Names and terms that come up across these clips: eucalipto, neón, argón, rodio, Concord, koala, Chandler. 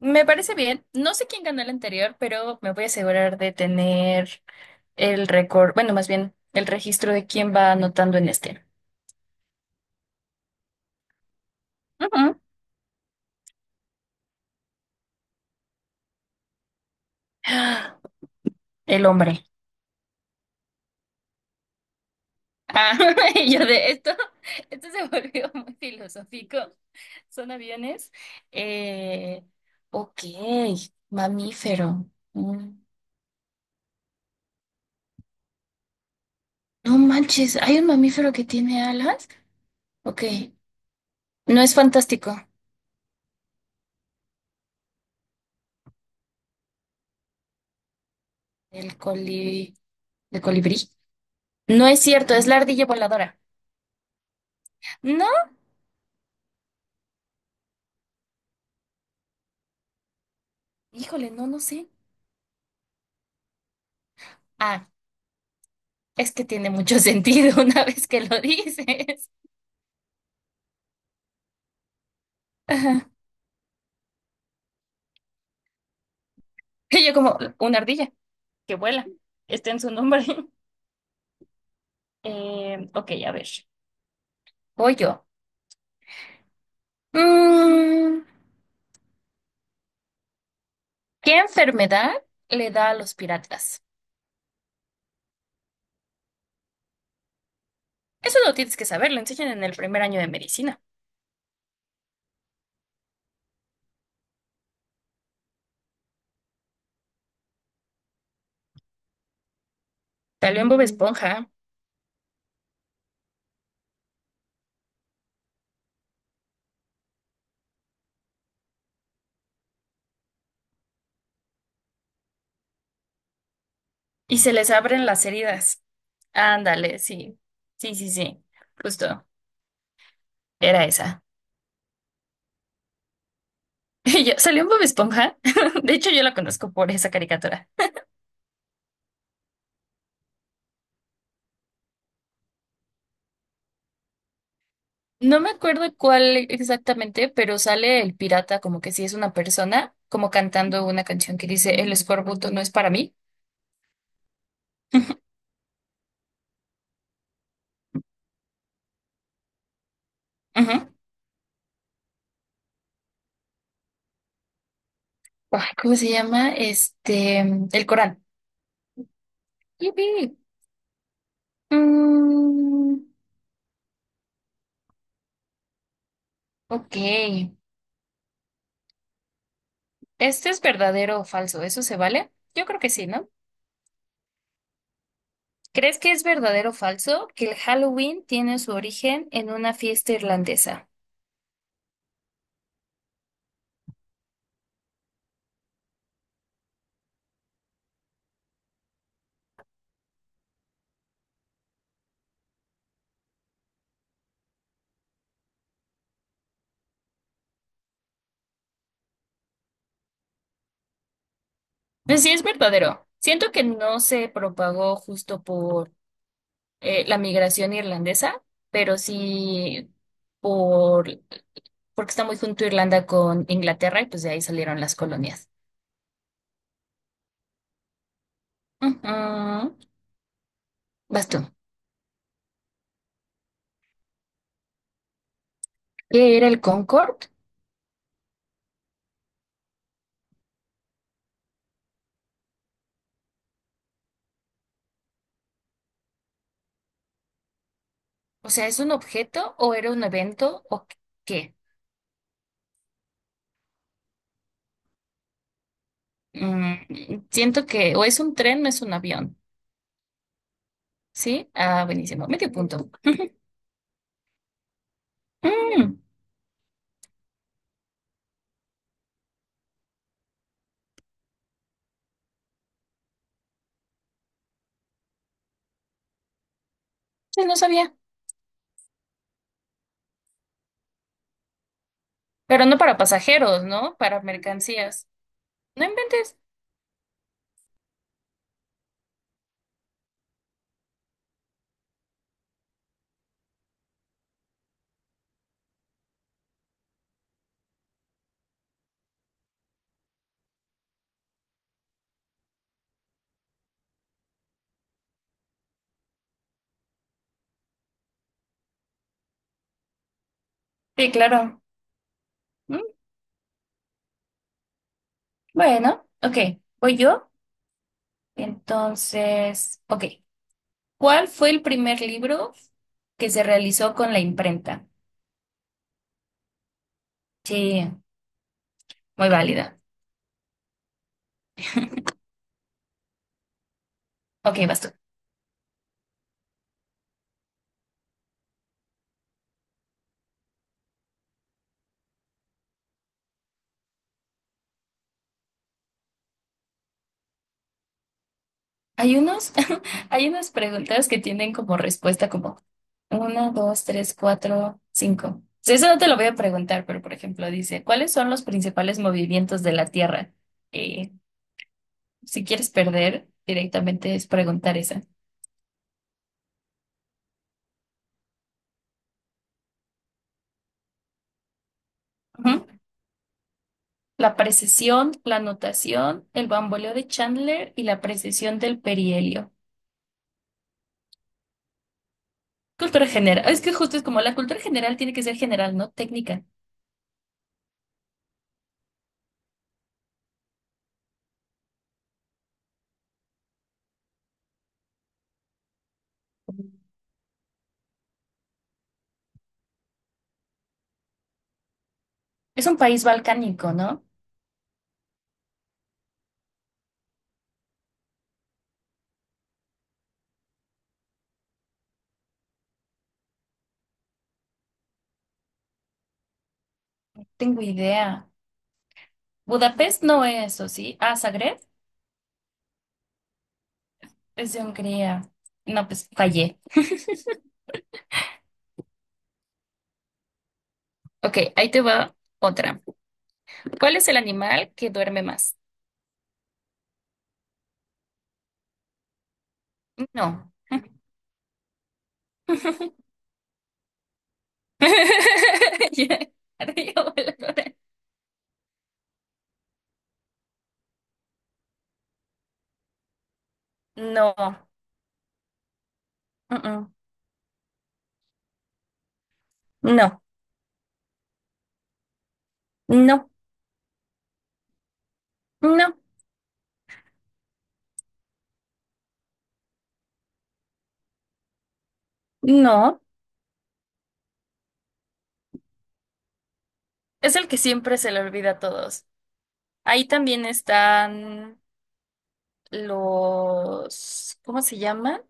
Me parece bien. No sé quién ganó el anterior, pero me voy a asegurar de tener el récord, bueno, más bien el registro de quién va anotando en este. Ujú. Ah, el hombre. Ah, y yo de esto, esto se volvió muy filosófico. Son aviones. Eh, ok, mamífero. Mm. No manches, ¿hay un mamífero que tiene alas? Ok, no es fantástico. El coli... ¿El colibrí? No es cierto, es la ardilla voladora. No, híjole, no, no sé. Ah, es que tiene mucho sentido una vez que lo dices. Ajá. Y yo como una ardilla que vuela. Está en su nombre. Ok, a ver. Voy yo. Mm, ¿Qué enfermedad le da a los piratas? Eso lo tienes que saber, lo enseñan en el primer año de medicina. Salió en Bob Esponja y se les abren las heridas. Ándale, sí. Sí, sí, sí. Justo. Era esa. Y yo, salió en Bob Esponja. De hecho, yo la conozco por esa caricatura. No me acuerdo cuál exactamente, pero sale el pirata como que si es una persona, como cantando una canción que dice el escorbuto no es para mí. Ujú. Ay, ¿cómo se llama? Este, el Corán. Yupi. Mm, ok. ¿Este es verdadero o falso? ¿Eso se vale? Yo creo que sí, ¿no? ¿Crees que es verdadero o falso que el Halloween tiene su origen en una fiesta irlandesa? Pues sí, es verdadero. Siento que no se propagó justo por la migración irlandesa, pero sí por porque está muy junto Irlanda con Inglaterra y pues de ahí salieron las colonias. Ujú. Vas tú. ¿Qué era el Concord? O sea, ¿es un objeto o era un evento o qué? Siento que o es un tren no es un avión. ¿Sí? Ah, buenísimo. Medio punto. Mm, sí, no sabía. Pero no para pasajeros, ¿no? Para mercancías. No inventes. Sí, claro. Mm, bueno, ok, voy yo. Entonces, ok. ¿Cuál fue el primer libro que se realizó con la imprenta? Sí, muy válida. Ok, basta. Hay unos, hay unas preguntas que tienen como respuesta como uno, dos, tres, cuatro, cinco. Sí, eso no te lo voy a preguntar, pero por ejemplo dice, ¿cuáles son los principales movimientos de la Tierra? Eh, si quieres perder, directamente es preguntar esa. Ujú. La precesión, la notación, el bamboleo de Chandler y la precesión del perihelio. Cultura general. Es que justo es como la cultura general tiene que ser general, no técnica. Es un país balcánico, ¿no? Tengo idea. Budapest no es, ¿o sí? Ah, Zagreb es de Hungría. No, pues fallé. Ok, ahí te va otra. ¿Cuál es el animal que duerme más? No. Ya, arriba, voladora. No. Mm, mm. No. No. No. No, es el que siempre se le olvida a todos. Ahí también están los, ¿cómo se llaman?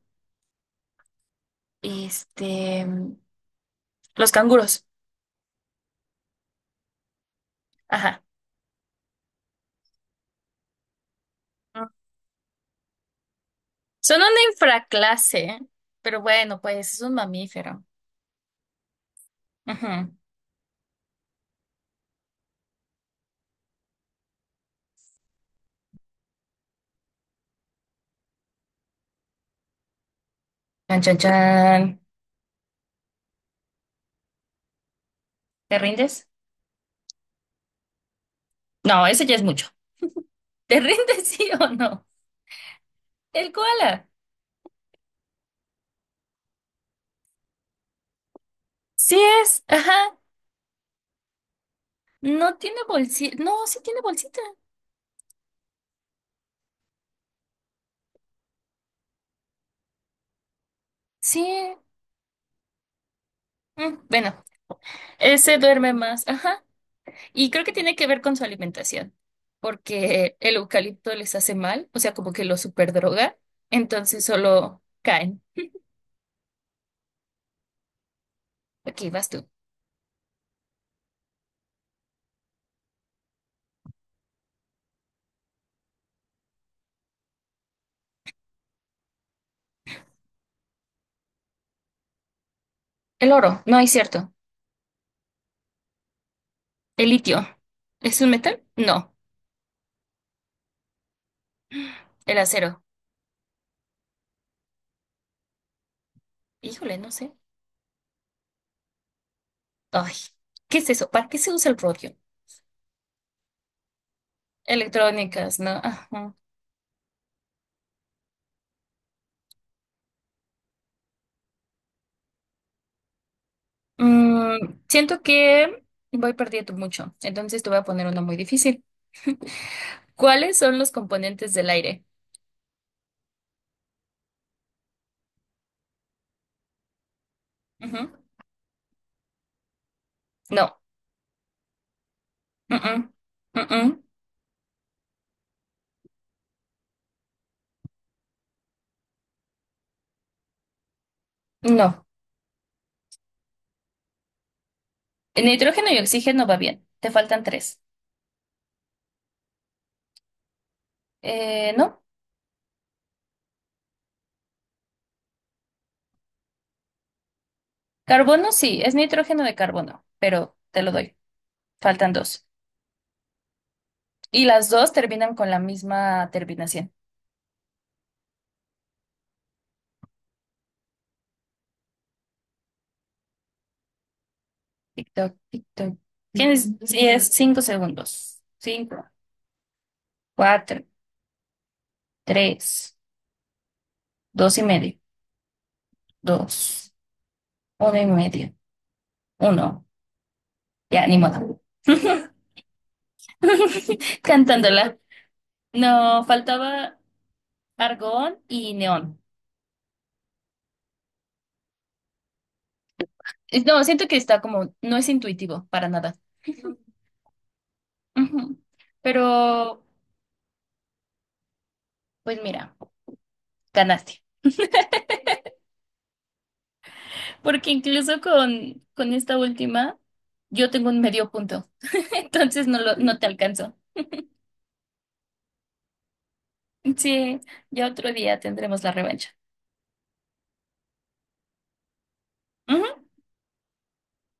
Este, los canguros. Ajá. Ah. Son una infraclase, pero bueno, pues es un mamífero. Ajá. Chan, chan, chan. ¿Te rindes? No, eso ya es mucho. ¿Te rindes sí o no? El koala. Sí es, ajá. No tiene bolsita. No, sí tiene bolsita. Sí. Bueno, ese duerme más. Ajá. Y creo que tiene que ver con su alimentación, porque el eucalipto les hace mal, o sea, como que lo superdroga, entonces solo caen. Aquí vas tú. El oro, no es cierto. El litio, ¿es un metal? No. El acero, híjole, no sé. Ay, ¿qué es eso? ¿Para qué se usa el rodio? Electrónicas, ¿no? Ajá. Siento que voy perdiendo mucho, entonces te voy a poner una muy difícil. ¿Cuáles son los componentes del aire? Ujú. No. Mm-mm. Mm-mm. No, nitrógeno y oxígeno va bien, te faltan tres. No, carbono sí, es nitrógeno de carbono, pero te lo doy, faltan dos. Y las dos terminan con la misma terminación. Tic-toc, tic-toc. Tienes 10, 5 segundos. Cinco, cuatro, tres, dos y medio, dos, uno y medio, uno. Ya, ni modo. Cantándola. No, faltaba argón y neón. No, siento que está como, no es intuitivo para nada. Ujú. Pero, pues mira, ganaste. Porque incluso con esta última, yo tengo un medio punto. Entonces no te alcanzo. Sí, ya otro día tendremos la revancha. Ujú.